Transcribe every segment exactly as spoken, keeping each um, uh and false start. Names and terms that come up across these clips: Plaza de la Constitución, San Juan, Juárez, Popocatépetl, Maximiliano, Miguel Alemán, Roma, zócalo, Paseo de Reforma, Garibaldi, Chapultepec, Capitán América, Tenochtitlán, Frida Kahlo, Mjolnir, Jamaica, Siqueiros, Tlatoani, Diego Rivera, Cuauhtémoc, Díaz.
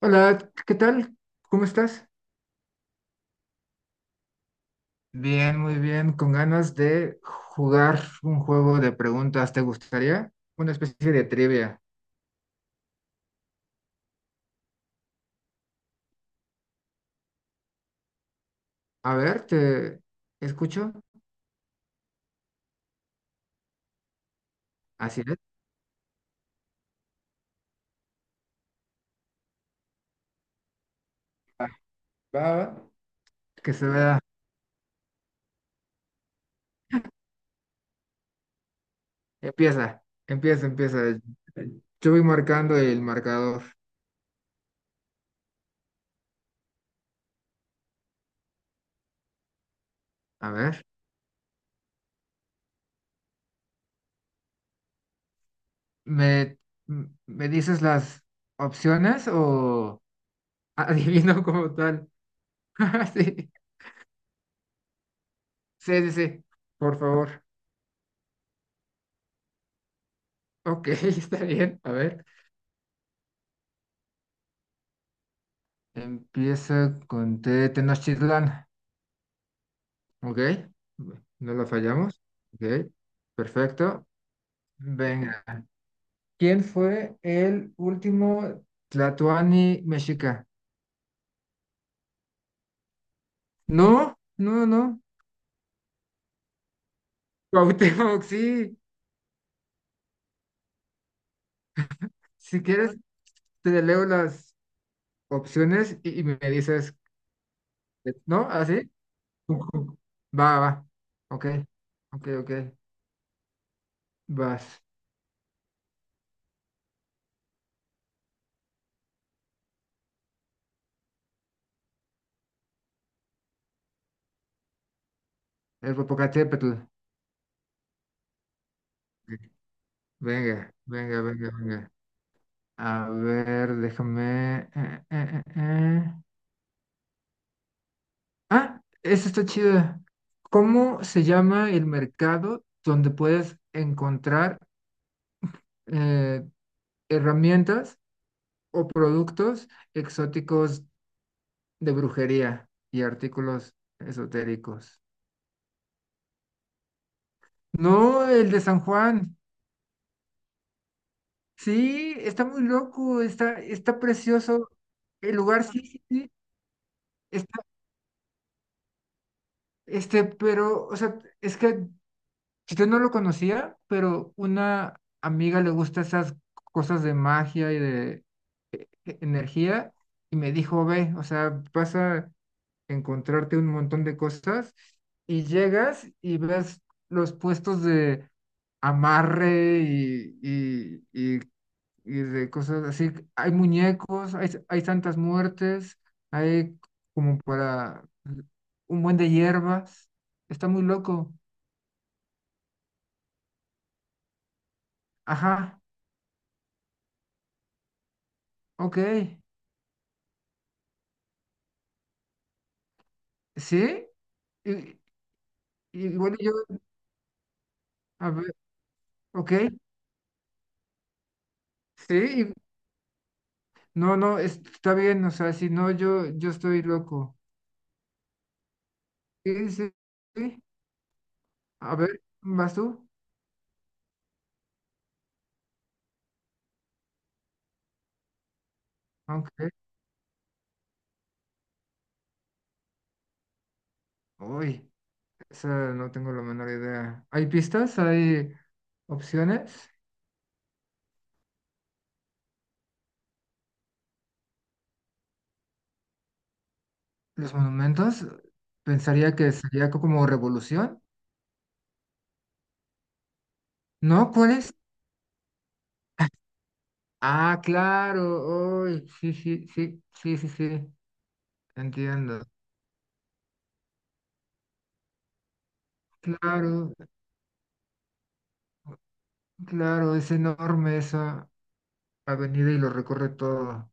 Hola, ¿qué tal? ¿Cómo estás? Bien, muy bien, con ganas de jugar un juego de preguntas. ¿Te gustaría? Una especie de trivia. A ver, te escucho. Así es. Va, va, va. Que se vea. Empieza, empieza, empieza. Yo voy marcando el marcador. A ver, ¿me, m- me dices las opciones o ¿adivino como tal? Sí, sí, sí, sí. Por favor. Ok, está bien. A ver. Empieza con T de Tenochtitlán, ¿ok? No la fallamos, ¿ok? Perfecto. Venga. ¿Quién fue el último Tlatoani mexica? No, no, no. Cuauhtémoc, sí. Si quieres, te leo las opciones y, y me dices, ¿no? ¿Así? Ujú. Va, va. Ok, ok, ok. Vas. El Popocatépetl. Venga, venga, venga, venga. A ver, déjame. eh, eh, eh, eh. Ah, esta está chida. ¿Cómo se llama el mercado donde puedes encontrar eh, herramientas o productos exóticos de brujería y artículos esotéricos? No, el de San Juan. Sí, está muy loco, está, está precioso. El lugar sí, sí, sí, está, este, pero, o sea, es que pues, yo no lo conocía, pero una amiga le gusta esas cosas de magia y de e- e- energía y me dijo, ve, o sea, vas a encontrarte un montón de cosas y llegas y ves los puestos de amarre y, y, y, y de cosas así. Hay muñecos, hay, hay santas muertes, hay como para un buen de hierbas. Está muy loco. Ajá, ok. Sí, y- y igual y bueno, yo, a ver, ok, sí, y- no, no, es- está bien, o sea, si no, yo, yo estoy loco. Sí, sí, sí, a ver, ¿vas tú? Ok, uy, esa no tengo la menor idea. ¿Hay pistas? ¿Hay opciones? ¿Los monumentos? Pensaría que sería co- como revolución, ¿no? ¿Cuál es? Ah, claro, uy, sí, sí, sí, sí, sí, sí, entiendo. Claro, claro, es enorme esa avenida y lo recorre todo.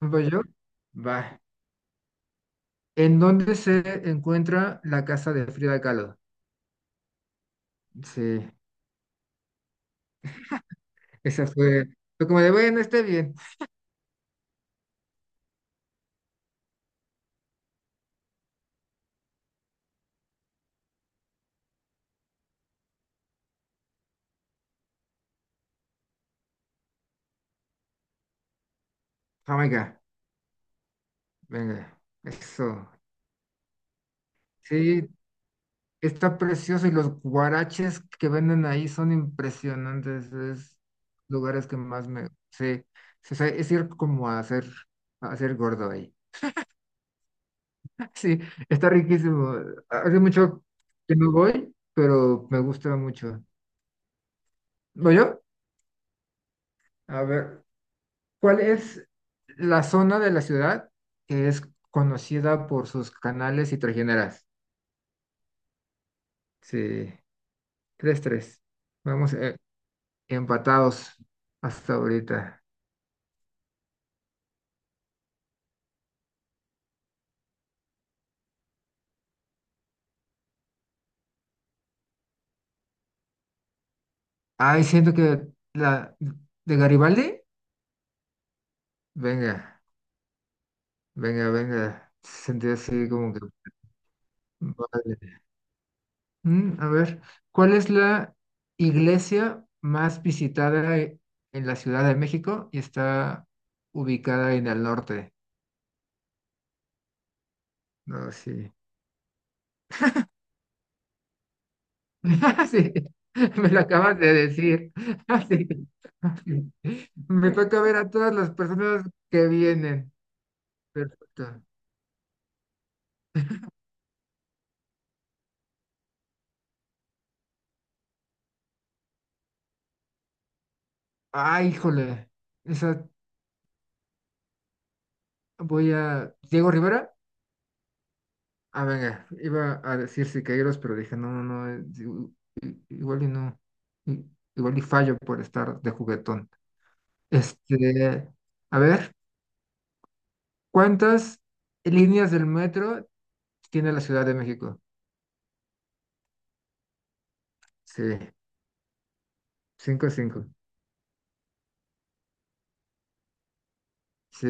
¿Nueva York? Va. ¿En dónde se encuentra la casa de Frida Kahlo? Sí, esa fue. Fue como de, bueno, esté bien. Jamaica, venga. Eso. Sí, está precioso y los guaraches que venden ahí son impresionantes. Es lugares que más me. Sí, sí, o sea, es ir como a hacer, a hacer gordo ahí. Sí, está riquísimo. Hace mucho que no voy, pero me gusta mucho. ¿Voy yo? A ver, ¿cuál es la zona de la ciudad que es conocida por sus canales y trajineras? Sí, tres, tres. Vamos eh, empatados hasta ahorita. Ay, siento que la de Garibaldi, venga, venga, venga. Sentí así como que... vale. Mm, a ver, ¿cuál es la iglesia más visitada e- en la Ciudad de México y está ubicada en el norte? No, sí. Ah, sí, me lo acabas de decir. Ah, sí. Ah, sí. Me toca ver a todas las personas que vienen. Perfecto. Ah, híjole. Esa voy a... ¿Diego Rivera? Ah, venga, iba a decir Siqueiros, pero dije, no, no, no, eh, digo, i- igual y no, i- igual y fallo por estar de juguetón. Este, a ver, ¿cuántas líneas del metro tiene la Ciudad de México? Sí, cinco, cinco. Sí,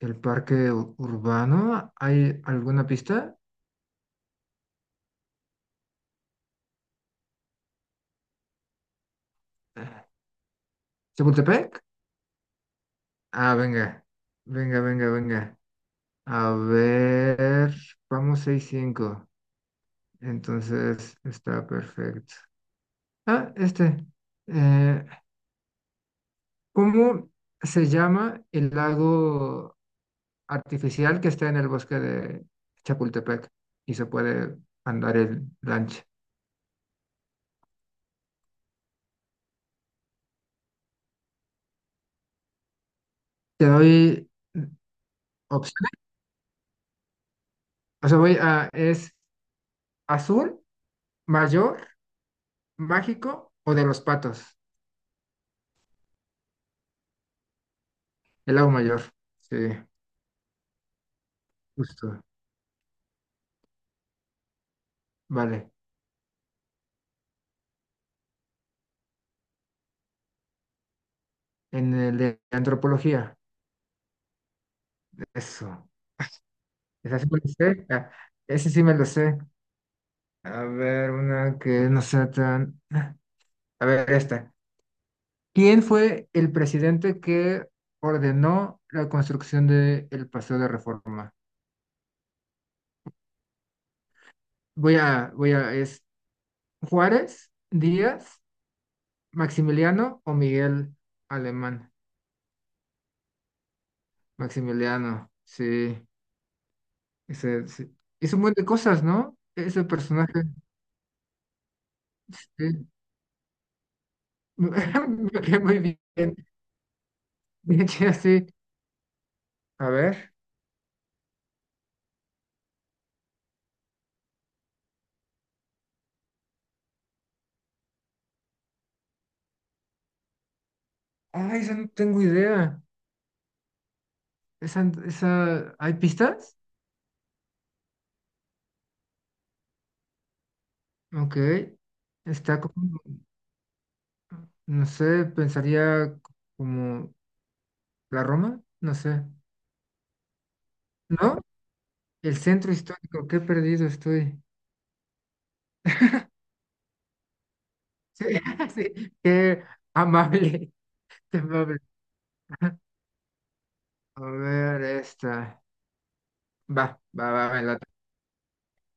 el parque u- urbano, ¿hay alguna pista? Eh, ¿Chapultepec? Ah, venga, venga, venga, venga. A ver, vamos seis, cinco. Entonces está perfecto. Ah, este. eh, ¿cómo se llama el lago artificial que está en el bosque de Chapultepec y se puede andar en lancha? Te doy opciones. O sea, voy a, es azul, mayor, mágico o de los patos. El lago mayor. Sí, justo. Vale. En el de antropología. Eso. Esa sí me lo sé. Ah, ese sí me lo sé. A ver, una que no sea tan. A ver, esta. ¿Quién fue el presidente que ordenó la construcción del Paseo de Reforma? Voy a, voy a, es Juárez, Díaz, Maximiliano o Miguel Alemán. Maximiliano, sí. Ese, sí. Hizo un buen de cosas, ¿no? Ese personaje. Sí. Me quedé muy bien. Bien chido, sí. A ver. Ay, esa no tengo idea. Esa, esa, ¿hay pistas? Ok. Está como no sé, pensaría como la Roma, no sé, ¿no? El centro histórico, qué perdido estoy. Sí, sí, qué amable, qué amable. A ver, esta. Va, va, va, me late.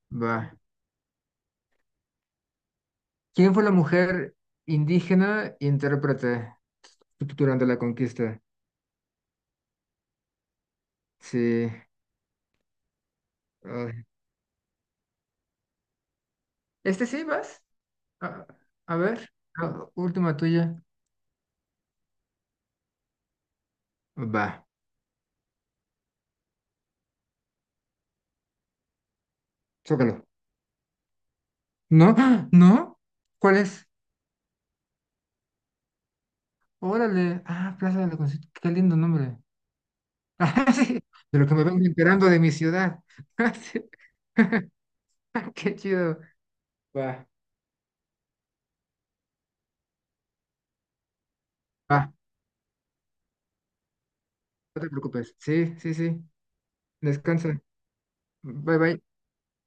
Va. ¿Quién fue la mujer indígena intérprete durante la conquista? Sí. Ay. ¿Este sí vas? A, a ver, la última tuya. Va, zócalo. ¿No? ¡Ah! ¿No? ¿Cuál es? Órale, ah, Plaza de la Constitución, qué lindo nombre. Ah, sí, de lo que me vengo enterando de mi ciudad. Ah, sí, qué chido. Va, va, no te preocupes. Sí, sí, sí. Descansa. Bye, bye.